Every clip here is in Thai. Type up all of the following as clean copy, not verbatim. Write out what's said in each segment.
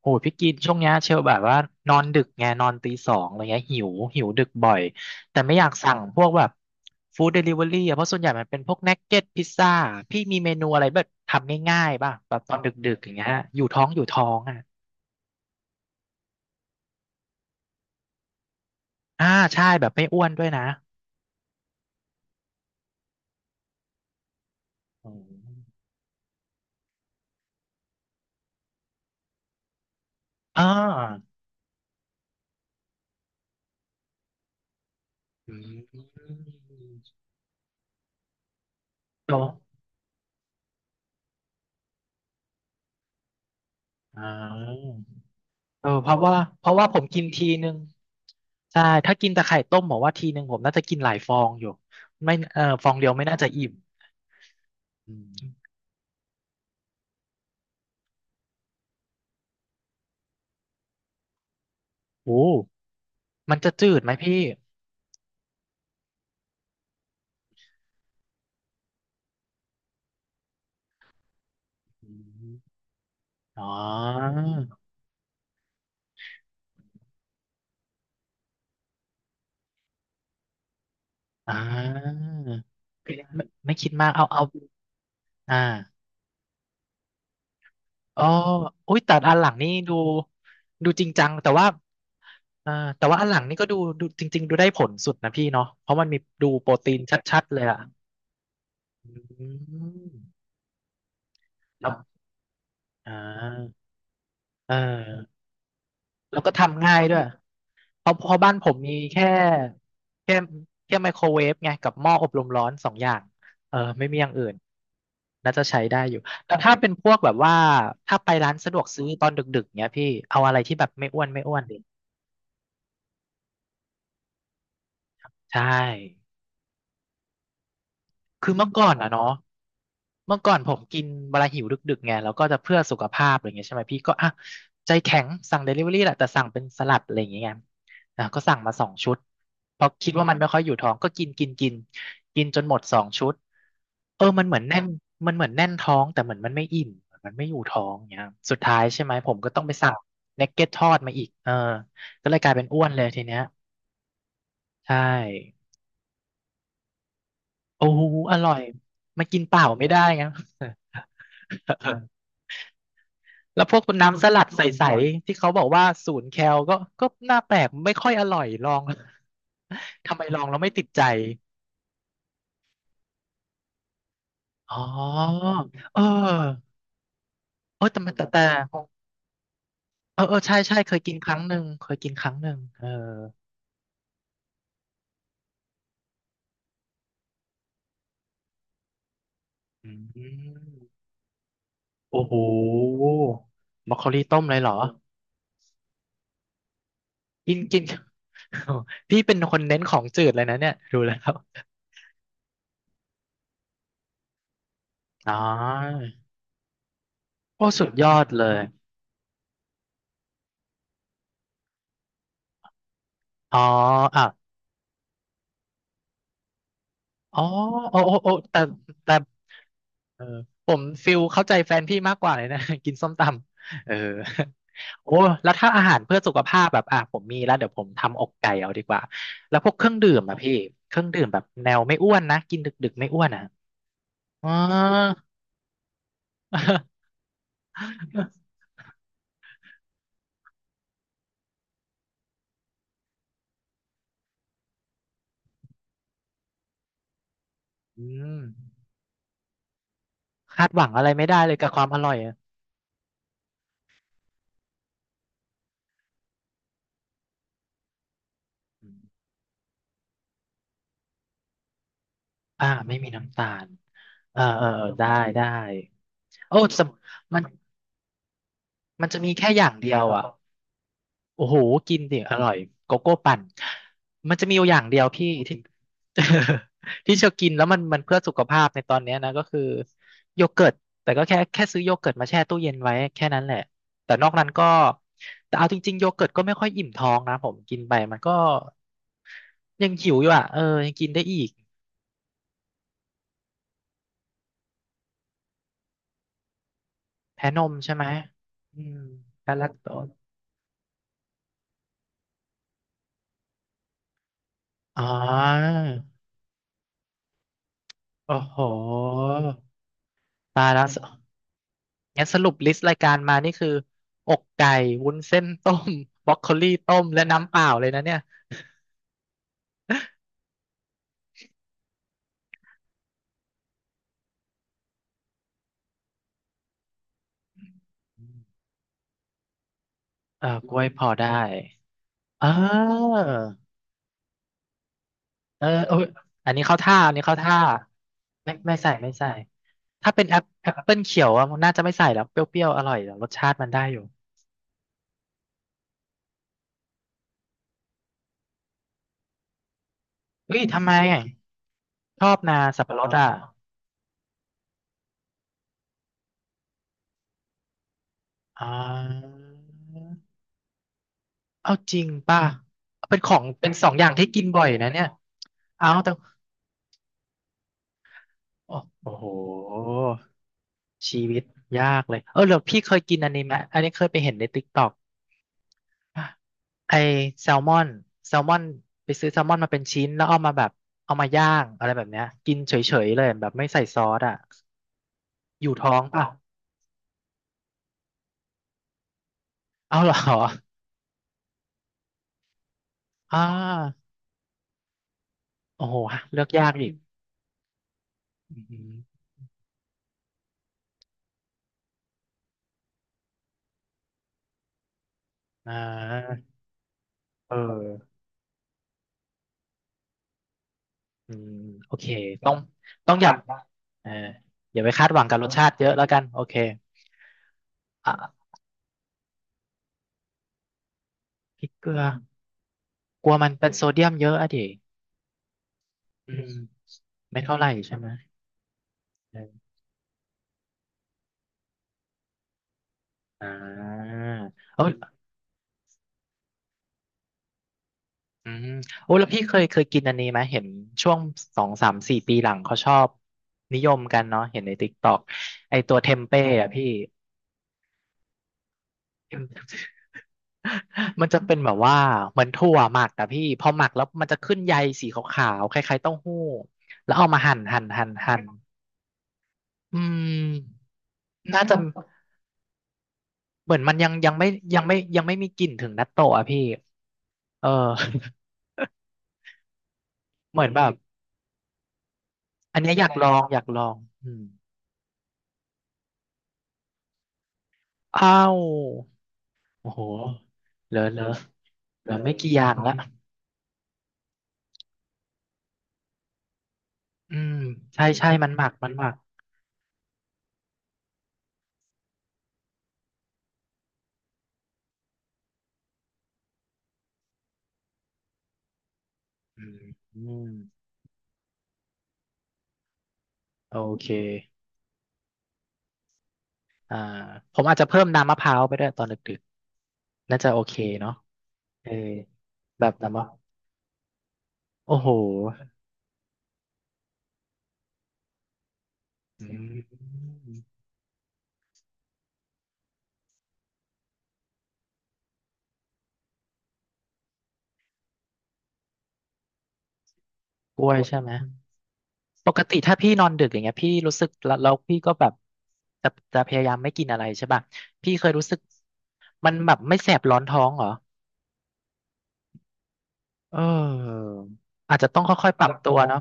โหพี่กินช่วงเนี้ยเชลแบบว่านอนดึกไงนอนตีสองอะไรเงี้ยหิวหิวดึกบ่อยแต่ไม่อยากสั่งพวกแบบฟู้ดเดลิเวอรี่อะเพราะส่วนใหญ่มันเป็นพวกนักเก็ตพิซซ่าพี่มีเมนูอะไรแบบทำง่ายๆป่ะแบบตอนดึกๆอย่างเงี้ยอยู่ท้องอยู่ท้องอ่ะอ่าใช่แบบไม่อ้วนด้วยนะอืมอ่าอืมโตอ่า เออเพราะว่าเพราะว่าผมกินทีนึงใช่ถ้ากินแต่ไข่ต้มบอกว่าทีนึงผมน่าจะกินหลายฟองอยู่ไม่เออฟองเดียวไม่น่าจะอิ่มอืมโอ้มันจะจืดไหมพี่อืมอ๋ออ่าไม่ไม่คิดมากเอาอ่าอ๋ออุ้ยแต่อันหลังนี่ดูดูจริงจังแต่ว่าเออแต่ว่าอันหลังนี่ก็ดูดูจริงๆดูได้ผลสุดนะพี่เนาะเพราะมันมีดูโปรตีนชัดๆเลยอะอืมแล้ว อ่าเออแล้วก็ทำง่ายด้วยเพราะบ้านผมมีแค่แค่แค่ไมโครเวฟไงกับหม้ออบลมร้อนสองอย่างเออไม่มีอย่างอื่นน่าจะใช้ได้อยู่แต่ถ้าเป็นพวกแบบว่าถ้าไปร้านสะดวกซื้อตอนดึกๆเนี้ยพี่เอาอะไรที่แบบไม่อ้วนดิใช่ คือเมื่อก่อนอะเนาะเมื่อก่อนผมกินเวลาหิวดึกๆไงแล้วก็จะเพื่อสุขภาพอะไรเงี้ยใช่ไหมพี่ก็อ่ะใจแข็งสั่งเดลิเวอรี่แหละแต่สั่งเป็นสลัดอะไรอย่างเงี้ยไงอ่ะก็สั่งมาสองชุดเพราะคิดว่ามันไม่ค่อยอยู่ท้องก็กินกินจนหมดสองชุดเออมันเหมือนแน่นมันเหมือนแน่นท้องแต่เหมือนมันไม่อิ่มเหมือนมันไม่อยู่ท้องเงี้ยสุดท้ายใช่ไหมผมก็ต้องไปสั่งเนกเก็ตทอดมาอีกเออก็เลยกลายเป็นอ้วนเลยทีเนี้ยใช่โอ้โหอร่อยมันกินเปล่าไม่ได้ไง แล้วพวกน้ำสลัดใสๆที่เขาบอกว่าศูนย์แคลก็ก็น่าแปลกไม่ค่อยอร่อยลอง ทำไมลองแล้วไม่ติดใจอ๋อเออเออแต่มันแต่ของเออเออใช่ใช่เคยกินครั้งหนึ่งเคยกินครั้งหนึ่งเอออืมโอ้โหมอคโคลีต้มเลยเหรอกินกิน พี่เป็นคนเน้นของจืดเลยนะเนี่ยดูแล้ว อ๋อโอ้สุดยอดเลยอ๋ออ่ะอ๋อโอ้แต่แต่ เออผมฟิลเข้าใจแฟนพี่มากกว่าเลยนะ กินส้มตำเออโอ้แล้วถ้าอาหารเพื่อสุขภาพแบบอ่ะผมมีแล้วเดี๋ยวผมทำอกไก่เอาดีกว่าแล้วพวกเครื่องดื่มอ่ะพี่เครื่องดื่มแบบแนวไม่อ้วนนะกินดึกๆไม่อ้วนอ่ะ อ๋อ อืมคาดหวังอะไรไม่ได้เลยกับความอร่อยอะอ่าไม่มีน้ำตาลเออเออเออได้ได้โอ้สมมันจะมีแค่อย่างเดียวอ่ะ โอ้โห กินดิอร่อยโกโก้ปั่นมันจะมีอยู่อย่างเดียวพี่ที่ ที่จะกินแล้วมันเพื่อสุขภาพในตอนเนี้ยนะก็คือโยเกิร์ตแต่ก็แค่ซื้อโยเกิร์ตมาแช่ตู้เย็นไว้แค่นั้นแหละแต่นอกนั้นก็แต่เอาจริงๆโยเกิร์ตก็ไม่ค่อยอิ่มท้องนะผมกินไปมันก็ยังหิวอยู่อ่ะเออยังกินได้อีกแพ้นมใช่ไหมอืมแพ้แลคโตสอ๋อโอ้โหตายแล้ว งั้นสรุปลิสต์รายการมานี่คืออกไก่วุ้นเส้นต้ม บรอกโคลีต้มและน้ำเปล่าเลยนะเนี่ยเออกล้วยพอได้เออเออเอยอันนี้เข้าท่าอันนี้เข้าท่าไม่ใส่ไม่ใส่ถ้าเป็นแอปเปิลเขียวอะน่าจะไม่ใส่แล้วเปรี้ยวๆอร่อยแต่รสชาติมันได้อยู่เฮ้ยทำไมอะชอบนะสับปะรดอ่ะอ่าเอาจริงป่ะเป็นของเป็นสองอย่างที่กินบ่อยนะเนี่ยเอาแต่โอ้โห ชีวิตยากเลยเออเดี๋ยวพี่เคยกินอันนี้ไหมอันนี้เคยไปเห็นในติ๊กต็อกไอแซลมอนแซลมอนไปซื้อแซลมอนมาเป็นชิ้นแล้วเอามาแบบเอามาย่างอะไรแบบเนี้ยกินเฉยๆเลยแบบไม่ใส่ซอสอ่ะอยู่ท้องเปล่าเอาเหรออ่าโอ้โหเลือกยากอีกอืมอ่าเอออืมโอเคต้องอย่าเอออย่าไปคาดหวังกับรสชาติเยอะแล้วกันโอเคอ่ะพริกเกลือกลัวมันเป็นโซเดียมเยอะอะดิอืม ไม่เท่าไหร่ใช่ไหมเอออ่าเอออืมโอ้แล้วพี่เคยกินอันนี้ไหมเห็นช่วงสองสามสี่ปีหลังเขาชอบนิยมกันเนาะเห็นในติ๊กต็อกไอตัวเทมเป้อะพี่มันจะเป็นแบบว่าเหมือนถั่วหมักอะพี่พอหมักแล้วมันจะขึ้นใยสีขาวๆคล้ายๆเต้าหู้แล้วเอามาหั่นอืมน่าจะเหมือนมันยังไม่มีกลิ่นถึงนัตโตะอะพี่เออเหมือนแบบอันเนี้ยอยากลองอืม อ้าวโอ้โหเหลือเหลือเหลือไม่กี่อย่างละอืมใช่ใช่มันหมักอืมอืมโอเคอ่าผมอาจจะเพิ่มน้ำมะพร้าวไปด้วยตอนดึกๆน่าจะโอเคเนาะเออแบบน้ำปะโอ้โหอืมกล้วยใช่ไหมปกติถ้าพี่นอนดึกอย่างเงี้ยพี่รู้สึกแล้วพี่ก็แบบจะจะพยายามไม่กินอะไรใช่ป่ะพี่เคยรู้สึกมันแบบไม่แสบร้อนท้องเหรอ เอออาจจะต้องค่อยๆปรับตัวเนาะ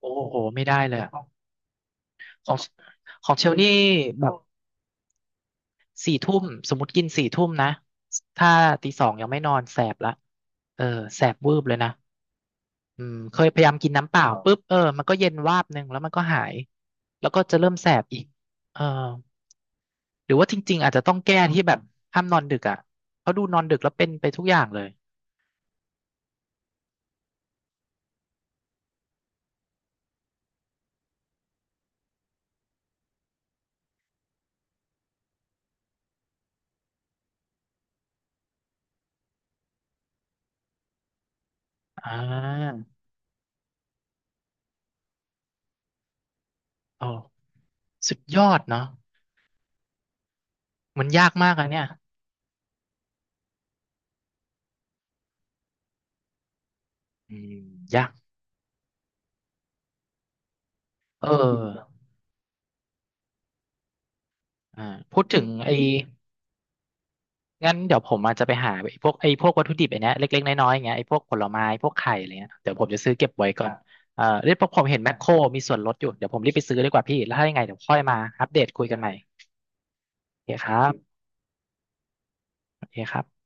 โอ้โหไม่ได้เลยอะองของเชลนี่แบบสี่ทุ่มสมมติกินสี่ทุ่มนะถ้าตีสองยังไม่นอนแสบละเออแสบวืบเลยนะอืมเคยพยายามกินน้ำเปล่าปุ๊บเออมันก็เย็นวาบหนึ่งแล้วมันก็หายแล้วก็จะเริ่มแสบอีกเออหรือว่าจริงๆอาจจะต้องแก้ที่แบบห้ามนอนดึกอ่ะเพราะดูนอนดึกแล้วเป็นไปทุกอย่างเลยอ่าโอ้สุดยอดเนาะมันยากมากอะเนี่ยอืมยาก เอออ่าพูดถึงไอ้งั้นเดี๋ยวผมอาจจะไปหาไอ้พวกวัตถุดิบไอ้เนี้ยเล็กๆน้อยๆอย่างเงี้ยไอ้พวกผลไม้พวกไข่อะไรเงี้ยเดี๋ยวผมจะซื้อเก็บไว้ก่อนเออเดี๋ยวผมเห็นแมคโครมีส่วนลดอยู่เดี๋ยวผมรีบไปซื้อดีกว่าพี่แล้วถ้ายังไงเดี๋ยวค่อยมาอัปเดตคุยกันใหม่โอเคครับโอเคครับ